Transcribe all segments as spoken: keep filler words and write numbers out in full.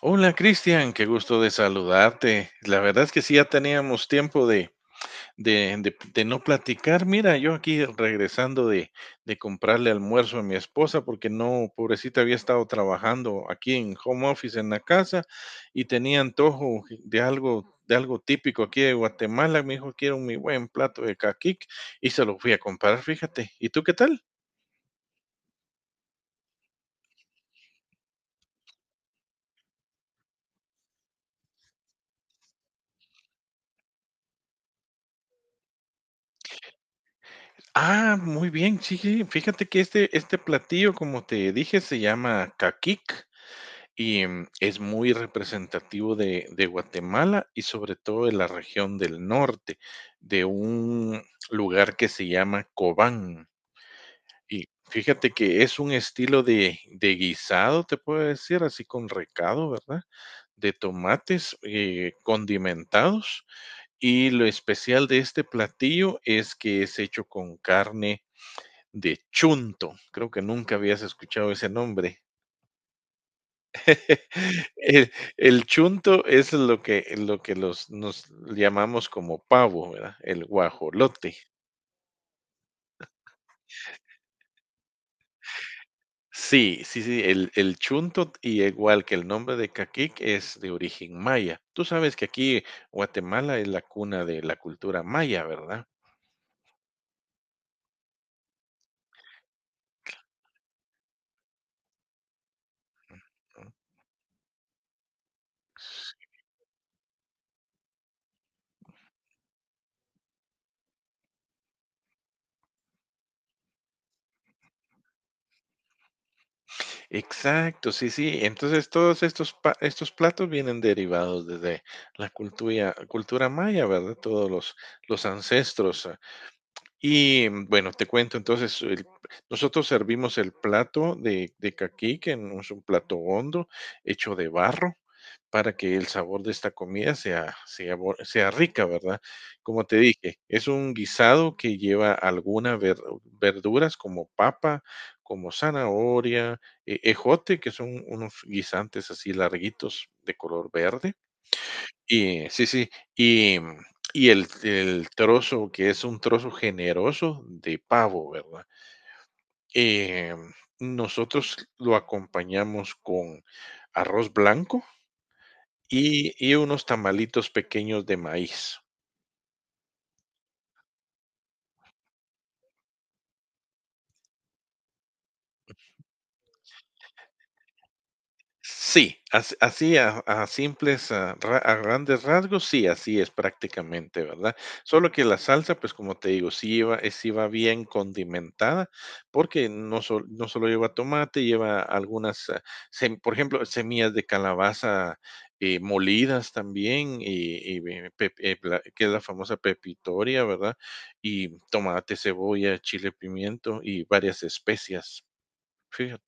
Hola Cristian, qué gusto de saludarte. La verdad es que sí, ya teníamos tiempo de, de, de- de no platicar. Mira, yo aquí regresando de, de comprarle almuerzo a mi esposa porque no, pobrecita, había estado trabajando aquí en home office en la casa y tenía antojo de algo, de algo típico aquí de Guatemala. Me dijo, quiero mi buen plato de caquic y se lo fui a comprar, fíjate. ¿Y tú qué tal? Ah, muy bien, sí, sí, fíjate que este, este platillo, como te dije, se llama caquic. Y mm, es muy representativo de, de Guatemala y sobre todo de la región del norte, de un lugar que se llama Cobán. Y fíjate que es un estilo de, de guisado, te puedo decir, así con recado, ¿verdad? De tomates eh, condimentados. Y lo especial de este platillo es que es hecho con carne de chunto. Creo que nunca habías escuchado ese nombre. El el chunto es lo que lo que los nos llamamos como pavo, ¿verdad? El guajolote. Sí, sí, sí, el el chunto, y igual que el nombre de caquic, es de origen maya. Tú sabes que aquí Guatemala es la cuna de la cultura maya, ¿verdad? Exacto, sí, sí. Entonces, todos estos pa estos platos vienen derivados desde la cultura cultura maya, ¿verdad? Todos los los ancestros. Y bueno, te cuento entonces, el- nosotros servimos el plato de, de caqui, que no es un plato hondo, hecho de barro, para que el sabor de esta comida sea, sea, bo- sea rica, ¿verdad? Como te dije, es un guisado que lleva algunas verduras como papa, como zanahoria, eh, ejote, que son unos guisantes así larguitos de color verde y sí, sí, y y el el trozo, que es un trozo generoso de pavo, ¿verdad? Em, Nosotros lo acompañamos con arroz blanco y y unos tamalitos pequeños de maíz. Sí, as- así a, a simples, a, ra- a grandes rasgos, sí, así es prácticamente, ¿verdad? Solo que la salsa, pues como te digo, sí lleva, eh, sí va bien condimentada, porque no, sol- no solo lleva tomate, lleva algunas, ah, sem- por ejemplo, semillas de calabaza eh, molidas también, y, y ve- pep- eh, la- que es la famosa pepitoria, ¿verdad? Y tomate, cebolla, chile, pimiento y varias especias, fíjate.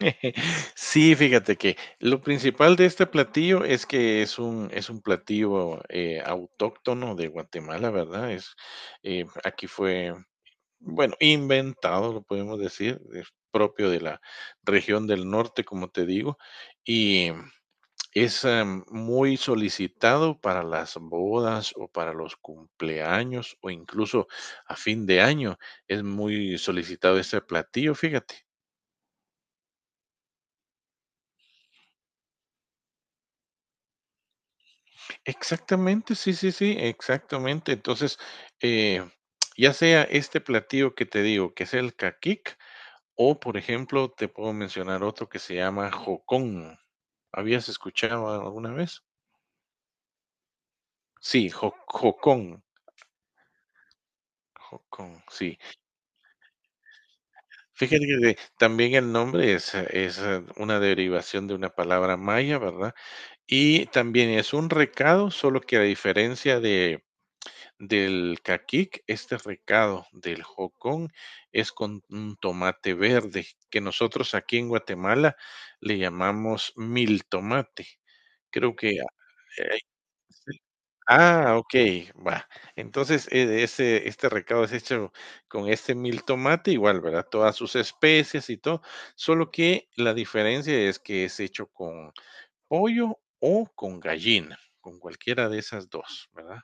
Sí, fíjate que lo principal de este platillo es que es un, es un platillo eh, autóctono de Guatemala, ¿verdad? Es, eh, aquí fue, bueno, inventado, lo podemos decir, es propio de la región del norte, como te digo, y es em, muy solicitado para las bodas o para los cumpleaños o incluso a fin de año. Es muy solicitado este platillo, fíjate. Exactamente, sí, sí, sí, exactamente. Entonces, eh, ya sea este platillo que te digo, que es el caquic, o por ejemplo, te puedo mencionar otro que se llama jocón. ¿Habías escuchado alguna vez? Sí, jo- jocón, jocón, sí. Fíjate que de- también el nombre es, eh, es eh, una derivación de una palabra maya, ¿verdad? Y también es un recado, solo que a diferencia de del caquic, este recado del jocón es con un tomate verde, que nosotros aquí en Guatemala le llamamos mil tomate. Creo que eh, ah, okey, va. Entonces, e ese este recado es hecho con este mil tomate igual, ¿verdad? Todas sus especies y todo, solo que la diferencia es que es hecho con pollo o con gallina, con cualquiera de esas dos, ¿verdad?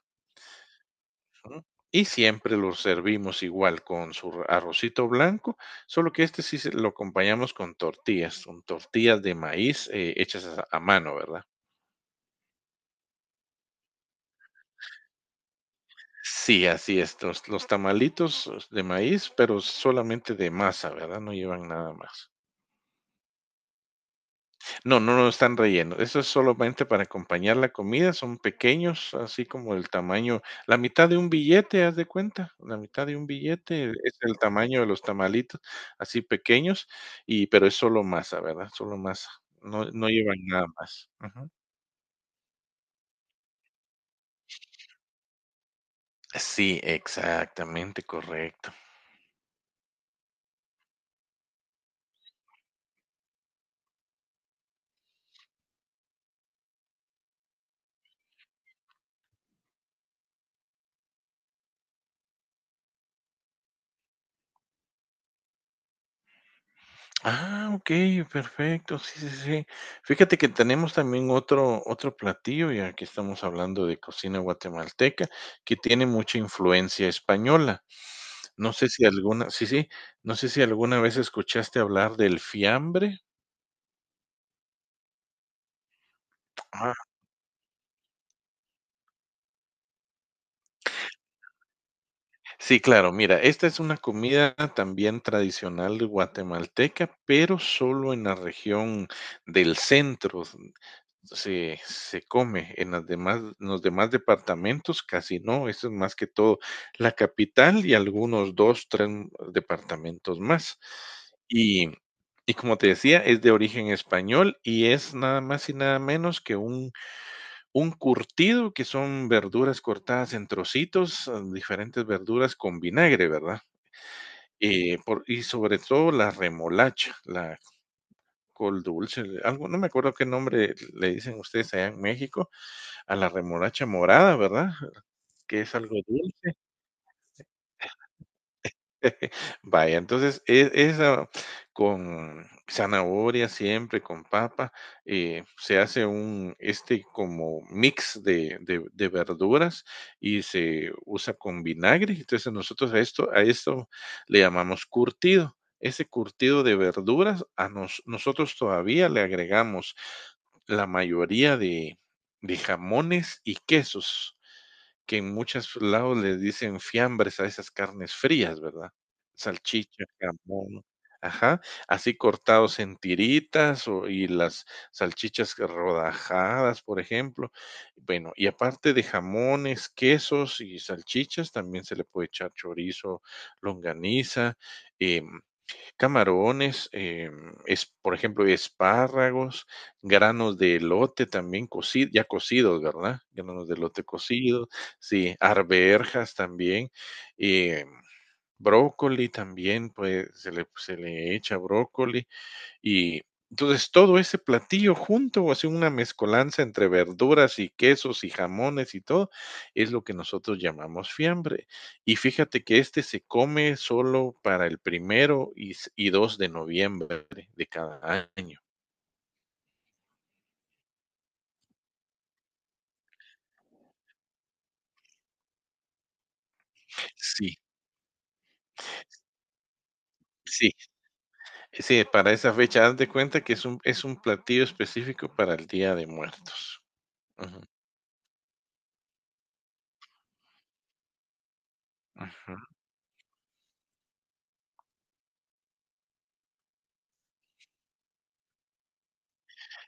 Ujú. Y siempre lo servimos igual con su r- arrocito blanco, solo que este sí se- lo acompañamos con tortillas, son tortillas de maíz eh, hechas a, a mano, ¿verdad? Sí, así es, los, los tamalitos eh, de maíz, pero solamente de masa, ¿verdad? No llevan nada más. No, no, no están rellenos. Eso es solamente para acompañar la comida. Son pequeños, así como el tamaño, la mitad de un billete, haz de cuenta. La mitad de un billete es el tamaño de los tamalitos, así pequeños, y pero es solo masa, ¿verdad? Solo masa. No, no llevan nada más. Ujú. Sí, exactamente, correcto. Ah, okey, perfecto. Sí, sí, sí. Fíjate que tenemos también otro otro platillo, ya que estamos hablando de cocina guatemalteca, que tiene mucha influencia española. No sé si alguna sí, sí, no sé si alguna vez escuchaste hablar del fiambre. Ah, sí, claro, mira, esta es una comida también tradicional guatemalteca, pero solo en la región del centro. se, se come en las demás, en los demás departamentos, casi no, eso es más que todo la capital y algunos dos, tres departamentos más. Y, y como te decía, es de origen español y es nada más y nada menos que un, un curtido, que son verduras cortadas en trocitos, eh, diferentes verduras con vinagre, ¿verdad? Eh, por- y sobre todo la remolacha, la col dulce, algo, no me acuerdo qué nombre le dicen ustedes allá en México, a la remolacha morada, ¿verdad? Que es algo dulce. Vaya, entonces, e esa con zanahoria siempre, con papa, eh, se hace un, este, como mix de de de verduras y se usa con vinagre. Entonces, nosotros a esto a esto le llamamos curtido. Ese curtido de verduras a nos nosotros todavía le agregamos la mayoría de de jamones y quesos, que en muchos lados le dicen fiambres a esas carnes frías, ¿verdad? Salchicha, jamón, ajá, así cortados en tiritas o y las salchichas que rodajadas, por ejemplo. Bueno, y aparte de jamones, quesos y salchichas, también se le puede echar chorizo, longaniza, em, camarones, em, es, por ejemplo, espárragos, granos de elote también cocido, ya cocidos, ¿verdad? Granos de elote cocidos, sí, arvejas también, em, brócoli también, pues se le, se le echa brócoli, y entonces todo ese platillo junto, hace una mezcolanza entre verduras y quesos y jamones y todo, es lo que nosotros llamamos fiambre. Y fíjate que este se come solo para el primero y, s- y dos de noviembre de cada año. Sí, sí, sí, para esa fecha, haz de cuenta que es un, es un platillo específico para el Día de Muertos. Ujú, ujú.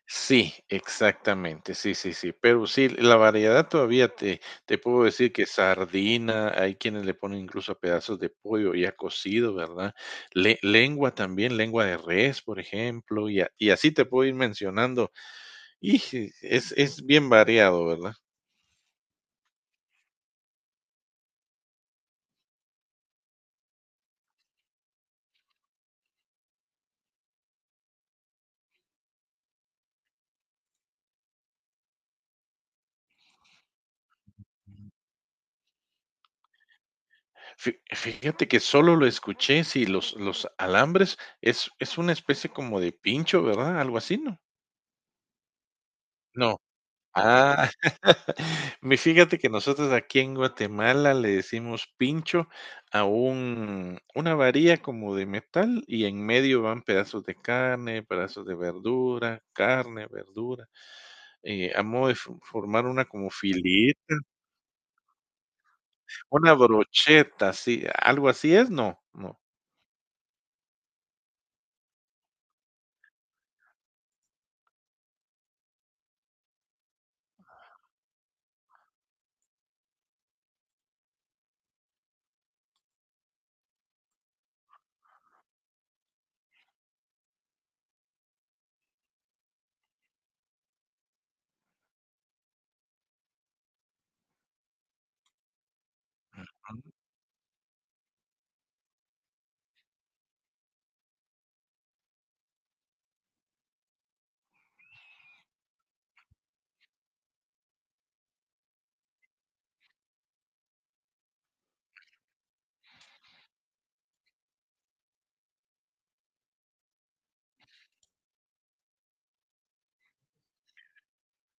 Sí, exactamente, sí, sí, sí, pero sí, la variedad todavía te te puedo decir que sardina, hay quienes le ponen incluso a pedazos de pollo ya cocido, ¿verdad? Le lengua también, lengua de res, por ejemplo, y a y así te puedo ir mencionando, y sí, es es bien variado, ¿verdad? Fi fíjate que solo lo escuché, sí, los los alambres es es una especie como de pincho, ¿verdad? Algo así, ¿no? No. Ah, mi fíjate que nosotros aquí en Guatemala le decimos pincho a un una varilla como de metal y en medio van pedazos de carne, pedazos de verdura, carne, verdura, eh, a modo de fo formar una como fili una brocheta, sí, ¿algo así es? No, no.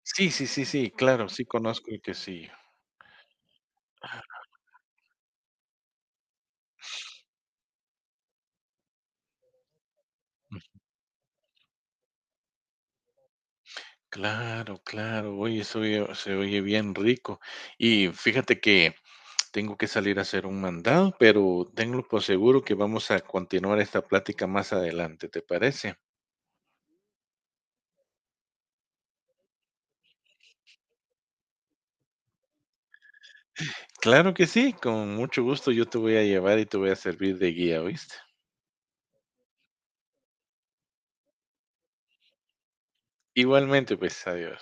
Sí, sí, sí, sí, claro, sí conozco el quesillo. Claro, claro, oye, eso oye se oye bien rico. Y fíjate que tengo que salir a hacer un mandado, pero tenlo por seguro que vamos a continuar esta plática más adelante, ¿te parece? Claro que sí, con mucho gusto yo te voy a llevar y te voy a servir de guía, ¿oíste? Igualmente, pues, adiós.